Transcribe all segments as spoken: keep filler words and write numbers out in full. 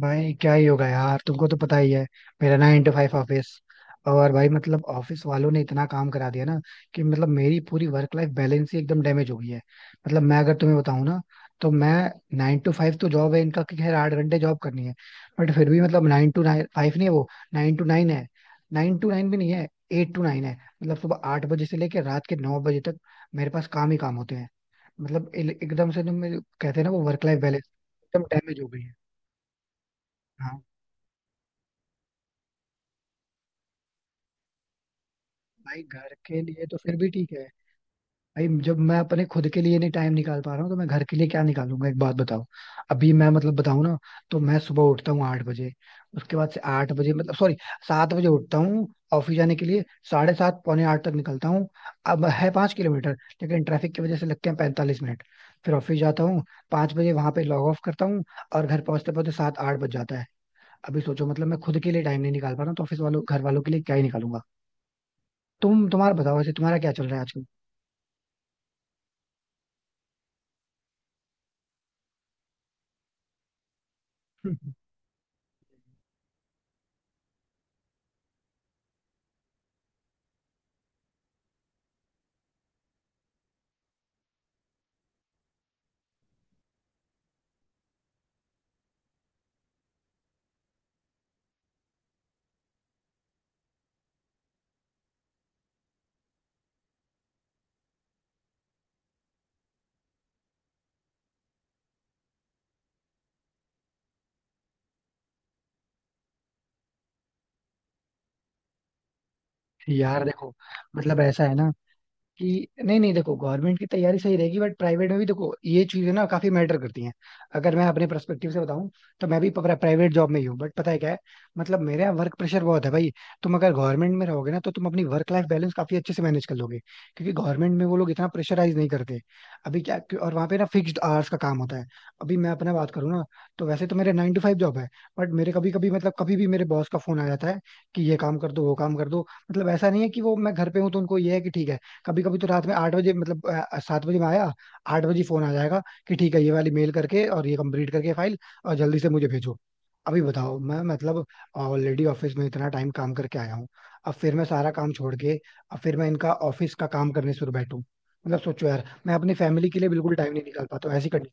भाई क्या ही होगा यार, तुमको तो पता ही है। मेरा नाइन to फाइव ऑफिस। और भाई मतलब ऑफिस वालों ने इतना काम करा दिया ना कि मतलब मेरी पूरी वर्क लाइफ बैलेंस ही एकदम डैमेज हो गई है। मतलब मैं अगर तुम्हें बताऊं ना तो मैं नाइन to फाइव तो जॉब है इनका कि खैर आठ घंटे जॉब करनी है। बट फिर भी मतलब नाइन टू नाइन फाइव नहीं है वो। नाइन टू नाइन है। नाइन टू नाइन भी नहीं है। एट टू नाइन है। मतलब सुबह आठ बजे से लेकर रात के नौ बजे तक मेरे पास काम ही काम होते हैं। मतलब इल- एकदम से जो मेरे- कहते हैं ना वो वर्क लाइफ बैलेंस एकदम डैमेज हो गई है। हाँ। भाई घर के लिए तो फिर भी ठीक है। भाई जब मैं अपने खुद के लिए नहीं टाइम निकाल पा रहा हूँ तो मैं घर के लिए क्या निकालूंगा? एक बात बताओ। अभी मैं मतलब बताऊँ ना तो मैं सुबह उठता हूँ आठ बजे। उसके बाद से आठ बजे मतलब सॉरी, सात बजे उठता हूँ ऑफिस जाने के लिए। साढ़े सात पौने आठ तक निकलता हूँ। अब है पाँच किलोमीटर, लेकिन ट्रैफिक की वजह से लगते हैं पैंतालीस मिनट। फिर ऑफिस जाता हूँ। पाँच बजे वहां पे लॉग ऑफ करता हूँ और घर पहुंचते पहुंचते सात आठ बज जाता है। अभी सोचो मतलब मैं खुद के लिए टाइम नहीं निकाल पा रहा हूँ तो ऑफिस वालों घर वालों के लिए क्या ही निकालूंगा? तुम तुम्हारा बताओ, वैसे तुम्हारा क्या चल रहा है? यार देखो, मतलब ऐसा है ना कि नहीं नहीं देखो, गवर्नमेंट की तैयारी सही रहेगी बट प्राइवेट में भी देखो ये चीजें ना काफी मैटर करती हैं। अगर मैं अपने पर्सपेक्टिव से बताऊं तो मैं भी प्राइवेट जॉब में ही हूँ। बट पता है क्या है, मतलब मेरे यहाँ वर्क प्रेशर बहुत है भाई। तुम अगर गवर्नमेंट में रहोगे ना तो तुम अपनी वर्क लाइफ बैलेंस काफी अच्छे से मैनेज कर लोगे, क्योंकि गवर्नमेंट में वो लोग इतना प्रेशराइज नहीं करते अभी क्या। और वहाँ पे ना फिक्स्ड आवर्स का काम होता है। अभी मैं अपना बात करूँ ना तो वैसे तो मेरे नाइन टू फाइव जॉब है। बट मेरे कभी कभी मतलब कभी भी मेरे बॉस का फोन आ जाता है कि ये काम कर दो वो काम कर दो। मतलब ऐसा नहीं है कि वो मैं घर पे हूँ तो उनको ये है कि ठीक है। कभी कभी तो रात में आठ बजे मतलब अ, सात बजे में आया, आठ बजे फोन आ जाएगा कि ठीक है ये वाली मेल करके और ये कंप्लीट करके फाइल और जल्दी से मुझे भेजो। अभी बताओ, मैं मतलब ऑलरेडी ऑफिस में इतना टाइम काम करके आया हूँ। अब फिर मैं सारा काम छोड़ के अब फिर मैं इनका ऑफिस का काम करने शुरू बैठूं। मतलब सोचो यार, मैं अपनी फैमिली के लिए बिल्कुल टाइम नहीं निकाल पाता हूं, ऐसी कंडीशन।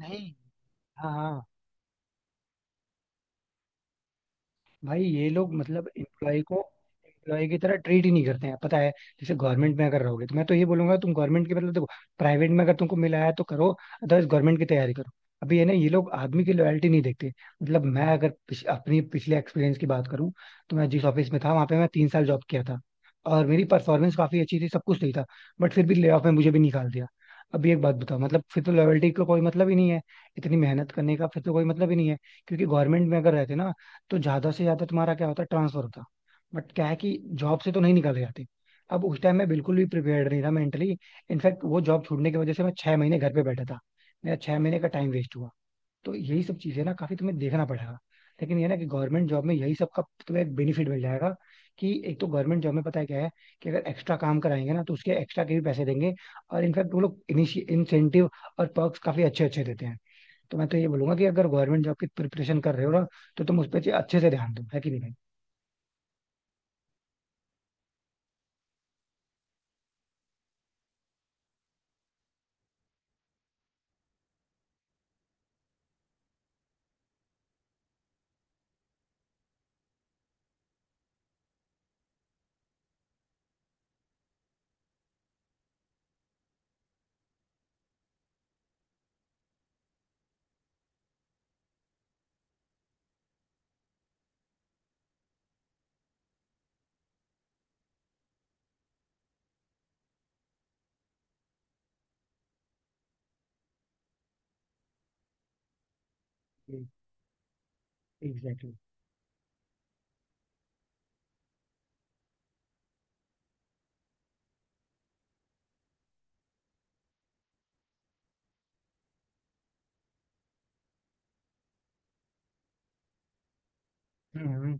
नहीं। हाँ हाँ। भाई ये लोग मतलब एम्प्लॉय को एम्प्लॉय की तरह ट्रीट ही नहीं करते हैं, पता है। जैसे गवर्नमेंट में अगर रहोगे तो मैं तो ये बोलूंगा तुम गवर्नमेंट की मतलब देखो, प्राइवेट में अगर तुमको मिला है तो करो, अदरवाइज गवर्नमेंट की तैयारी करो। अभी ये ना ये लोग आदमी की लॉयल्टी नहीं देखते। मतलब मैं अगर पिछ, अपनी पिछले एक्सपीरियंस की बात करूं तो मैं जिस ऑफिस में था वहां पे मैं तीन साल जॉब किया था और मेरी परफॉर्मेंस काफी अच्छी थी, सब कुछ सही था, बट फिर भी ले ऑफ में मुझे भी निकाल दिया। अभी एक बात बताओ, मतलब फिर तो लॉयल्टी का कोई मतलब ही नहीं है। इतनी मेहनत करने का फिर तो कोई मतलब ही नहीं है। क्योंकि गवर्नमेंट में अगर रहते ना तो ज्यादा से ज्यादा तुम्हारा क्या होता है, ट्रांसफर होता। बट क्या है कि जॉब से तो नहीं निकाले जाते। अब उस टाइम मैं बिल्कुल भी प्रिपेयर्ड नहीं था मेंटली। इनफैक्ट वो जॉब छूटने की वजह से मैं छह महीने घर पे बैठा था। मेरा छह महीने का टाइम वेस्ट हुआ। तो यही सब चीजें ना काफी तुम्हें देखना पड़ेगा। लेकिन ये ना कि गवर्नमेंट जॉब में यही सब का तुम्हें एक बेनिफिट मिल जाएगा कि एक तो गवर्नमेंट जॉब में पता है क्या है कि अगर एक्स्ट्रा काम कराएंगे ना तो उसके एक्स्ट्रा के भी पैसे देंगे। और इनफैक्ट वो लोग इनिशिय इंसेंटिव और perks काफी अच्छे अच्छे देते हैं। तो मैं तो ये बोलूंगा कि अगर गवर्नमेंट जॉब की प्रिपरेशन कर रहे हो ना तो तुम उस पर अच्छे से ध्यान दो, है कि नहीं भाई? एग्जैक्टली। हम्म।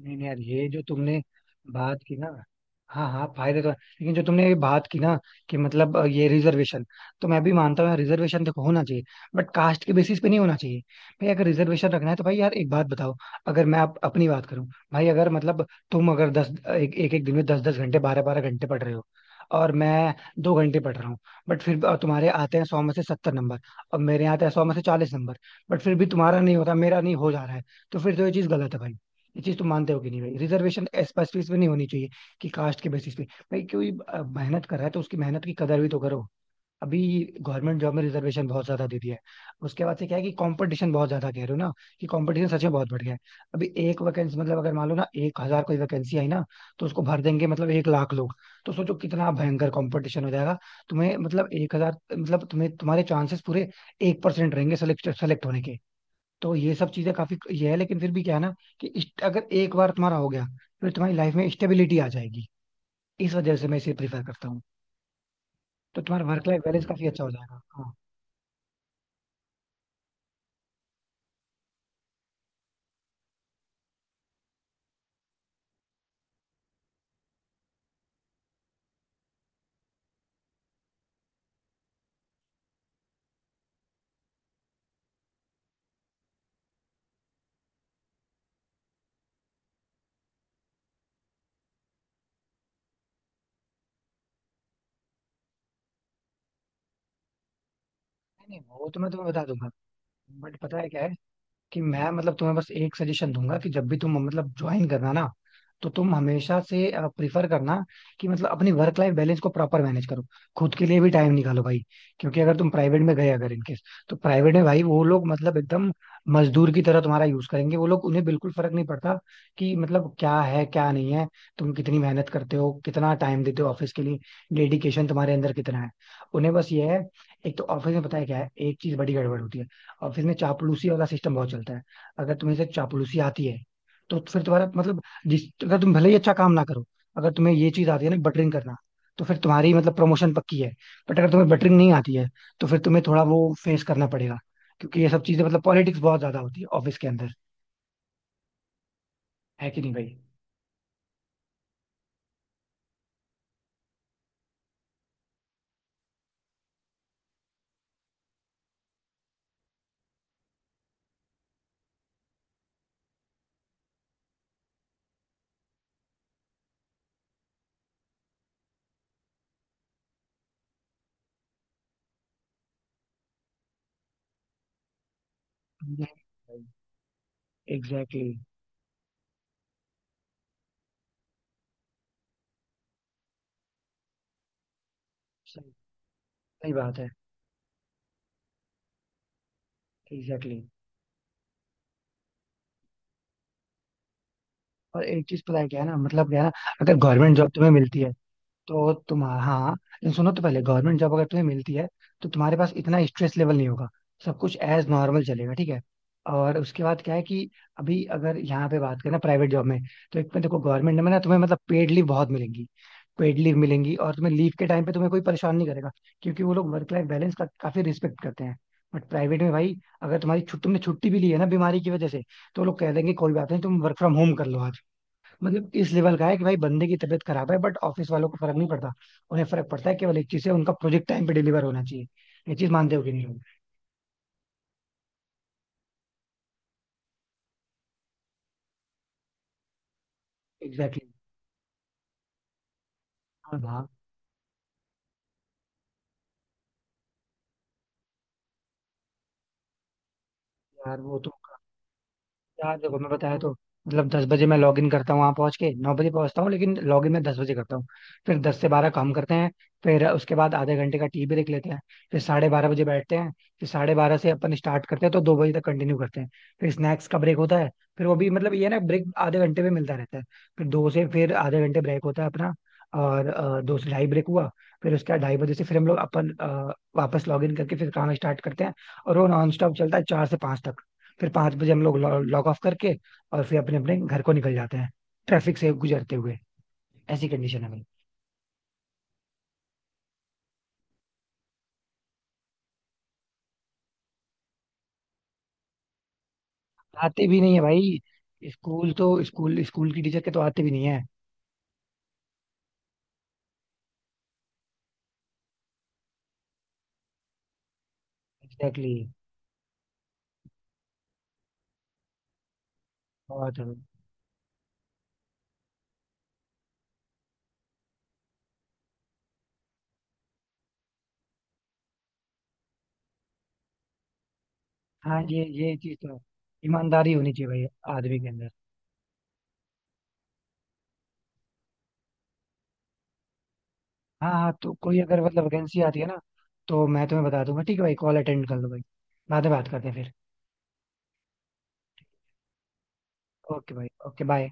नहीं नहीं यार, ये जो तुमने बात की ना। हाँ हाँ फायदे तो है, लेकिन जो तुमने ये बात की ना कि मतलब अ, ये रिजर्वेशन, तो मैं भी मानता हूँ यार रिजर्वेशन देखो होना चाहिए, बट कास्ट के बेसिस पे नहीं होना चाहिए। भाई अगर रिजर्वेशन रखना है तो भाई यार एक बात बताओ, अगर मैं आप अपनी बात करूँ। भाई अगर मतलब तुम अगर दस एक एक, एक दिन में दस दस घंटे बारह बारह घंटे पढ़ रहे हो और मैं दो घंटे पढ़ रहा हूँ, बट फिर भी तुम्हारे आते हैं सौ में से सत्तर नंबर और मेरे आते हैं सौ में से चालीस नंबर, बट फिर भी तुम्हारा नहीं होता मेरा नहीं हो जा रहा है, तो फिर तो ये चीज गलत है भाई। ये चीज तो मानते हो कि नहीं भाई, रिजर्वेशन एज पर बेसिस पे नहीं होनी चाहिए, कि कास्ट के बेसिस पे। भाई कोई अ, मेहनत कर रहा है तो उसकी मेहनत की कदर भी तो करो। अभी गवर्नमेंट जॉब में रिजर्वेशन बहुत ज्यादा दे दिया है। उसके बाद से क्या है कि कंपटीशन बहुत ज्यादा कह रहे हो ना, कि कंपटीशन सच में बहुत बढ़ गया है। अभी एक वैकेंसी मतलब अगर मान लो ना एक हजार कोई वैकेंसी आई ना, तो उसको भर देंगे मतलब एक लाख लोग। तो सोचो कितना भयंकर कंपटीशन हो जाएगा। तुम्हें मतलब एक हजार मतलब तुम्हें तुम्हारे चांसेस पूरे एक परसेंट रहेंगे सेलेक्ट सेलेक्ट होने के। तो ये सब चीजें काफी ये है, लेकिन फिर भी क्या है ना कि इस- अगर एक बार तुम्हारा हो गया फिर तुम्हारी लाइफ में स्टेबिलिटी आ जाएगी। इस वजह से मैं इसे प्रीफर करता हूँ। तो तुम्हारा वर्क लाइफ बैलेंस काफी अच्छा हो जाएगा हाँ। नहीं नहीं, वो तो मैं तुम्हें बता दूंगा। बट पता है क्या है कि मैं मतलब तुम्हें बस एक सजेशन दूंगा कि जब भी तुम मतलब ज्वाइन करना ना तो तुम हमेशा से प्रिफर करना कि मतलब अपनी वर्क लाइफ बैलेंस को प्रॉपर मैनेज करो, खुद के लिए भी टाइम निकालो भाई। क्योंकि अगर तुम प्राइवेट में गए अगर इनकेस, तो प्राइवेट में भाई वो लोग मतलब एकदम मजदूर की तरह तुम्हारा यूज करेंगे। वो लोग उन्हें बिल्कुल फर्क नहीं पड़ता कि मतलब क्या है क्या नहीं है, तुम कितनी मेहनत करते हो, कितना टाइम देते हो ऑफिस के लिए, डेडिकेशन तुम्हारे अंदर कितना है। उन्हें बस ये है। एक तो ऑफिस में पता है क्या है, एक चीज बड़ी गड़बड़ होती है, ऑफिस में चापलूसी वाला सिस्टम बहुत चलता है। अगर तुम्हें से चापलूसी आती है तो फिर तुम्हारा मतलब, जिस अगर तुम भले ही अच्छा काम ना करो, अगर तुम्हें ये चीज आती है ना बटरिंग करना, तो फिर तुम्हारी मतलब प्रमोशन पक्की है। बट अगर तुम्हें बटरिंग नहीं आती है तो फिर तुम्हें थोड़ा वो फेस करना पड़ेगा, क्योंकि ये सब चीजें मतलब पॉलिटिक्स बहुत ज्यादा होती है ऑफिस के अंदर। है कि नहीं भाई? Exactly exactly. सही। सही बात है। Exactly exactly. और एक चीज पता है क्या है ना, मतलब क्या है ना, अगर गवर्नमेंट जॉब तुम्हें मिलती है तो तुम, हाँ लेकिन सुनो तो पहले गवर्नमेंट जॉब अगर तुम्हें मिलती है तो तुम्हारे पास इतना स्ट्रेस लेवल नहीं होगा, सब कुछ एज नॉर्मल चलेगा। ठीक है। और उसके बाद क्या है कि अभी अगर यहाँ पे बात करें ना प्राइवेट जॉब में, तो एक में देखो गवर्नमेंट में ना तुम्हें मतलब पेड लीव बहुत मिलेंगी। पेड लीव मिलेंगी और तुम्हें लीव के टाइम पे तुम्हें कोई परेशान नहीं करेगा, क्योंकि वो लोग वर्क लाइफ बैलेंस का काफी रिस्पेक्ट करते हैं। बट प्राइवेट में भाई, अगर तुम्हारी छुट्टी तुमने छुट्टी भी ली है ना बीमारी की वजह से, तो वो लोग कह देंगे कोई बात नहीं तुम वर्क फ्रॉम होम कर लो। मतलब इस लेवल का है कि भाई बंदे की तबीयत खराब है बट ऑफिस वालों को फर्क नहीं पड़ता। उन्हें फर्क पड़ता है केवल एक चीज है, उनका प्रोजेक्ट टाइम पे डिलीवर होना चाहिए। ये चीज मानते हो कि नहीं? Exactly exactly. हाँ भाग। यार वो तो, यार देखो मैं बताया तो मतलब दस बजे मैं लॉग इन करता हूँ। वहां पहुंच के नौ बजे पहुंचता हूँ लेकिन लॉग इन मैं दस बजे करता हूँ। फिर दस से बारह काम करते हैं। फिर उसके बाद आधे घंटे का टीवी ब्रेक लेते हैं। फिर साढ़े बारह बजे बैठते हैं। फिर साढ़े बारह से अपन स्टार्ट करते हैं तो दो बजे तक कंटिन्यू करते हैं। फिर स्नैक्स का ब्रेक होता है। फिर वो भी मतलब ये है ना, ब्रेक आधे घंटे में मिलता रहता है। फिर दो से फिर आधे घंटे ब्रेक होता है अपना, और अ, दो से ढाई ब्रेक हुआ। फिर उसके बाद ढाई बजे से फिर हम लोग अपन अ, वापस लॉग इन करके फिर काम स्टार्ट करते हैं और वो नॉन स्टॉप चलता है चार से पांच तक। फिर पांच बजे हम लोग लॉग ऑफ करके और फिर अपने अपने घर को निकल जाते हैं ट्रैफिक से गुजरते हुए। ऐसी कंडीशन है भाई। आते भी नहीं है भाई। स्कूल तो स्कूल, स्कूल की टीचर के तो आते भी नहीं है। Exactly exactly. बहुत है भाई। हाँ, ये ये चीज तो है। ईमानदारी होनी चाहिए भाई आदमी के अंदर। हाँ हाँ, तो कोई अगर मतलब वैकेंसी आती है ना तो मैं तुम्हें बता दूंगा। ठीक है भाई, कॉल अटेंड कर लो भाई। बाद में बात करते हैं फिर। ओके भाई, ओके बाय।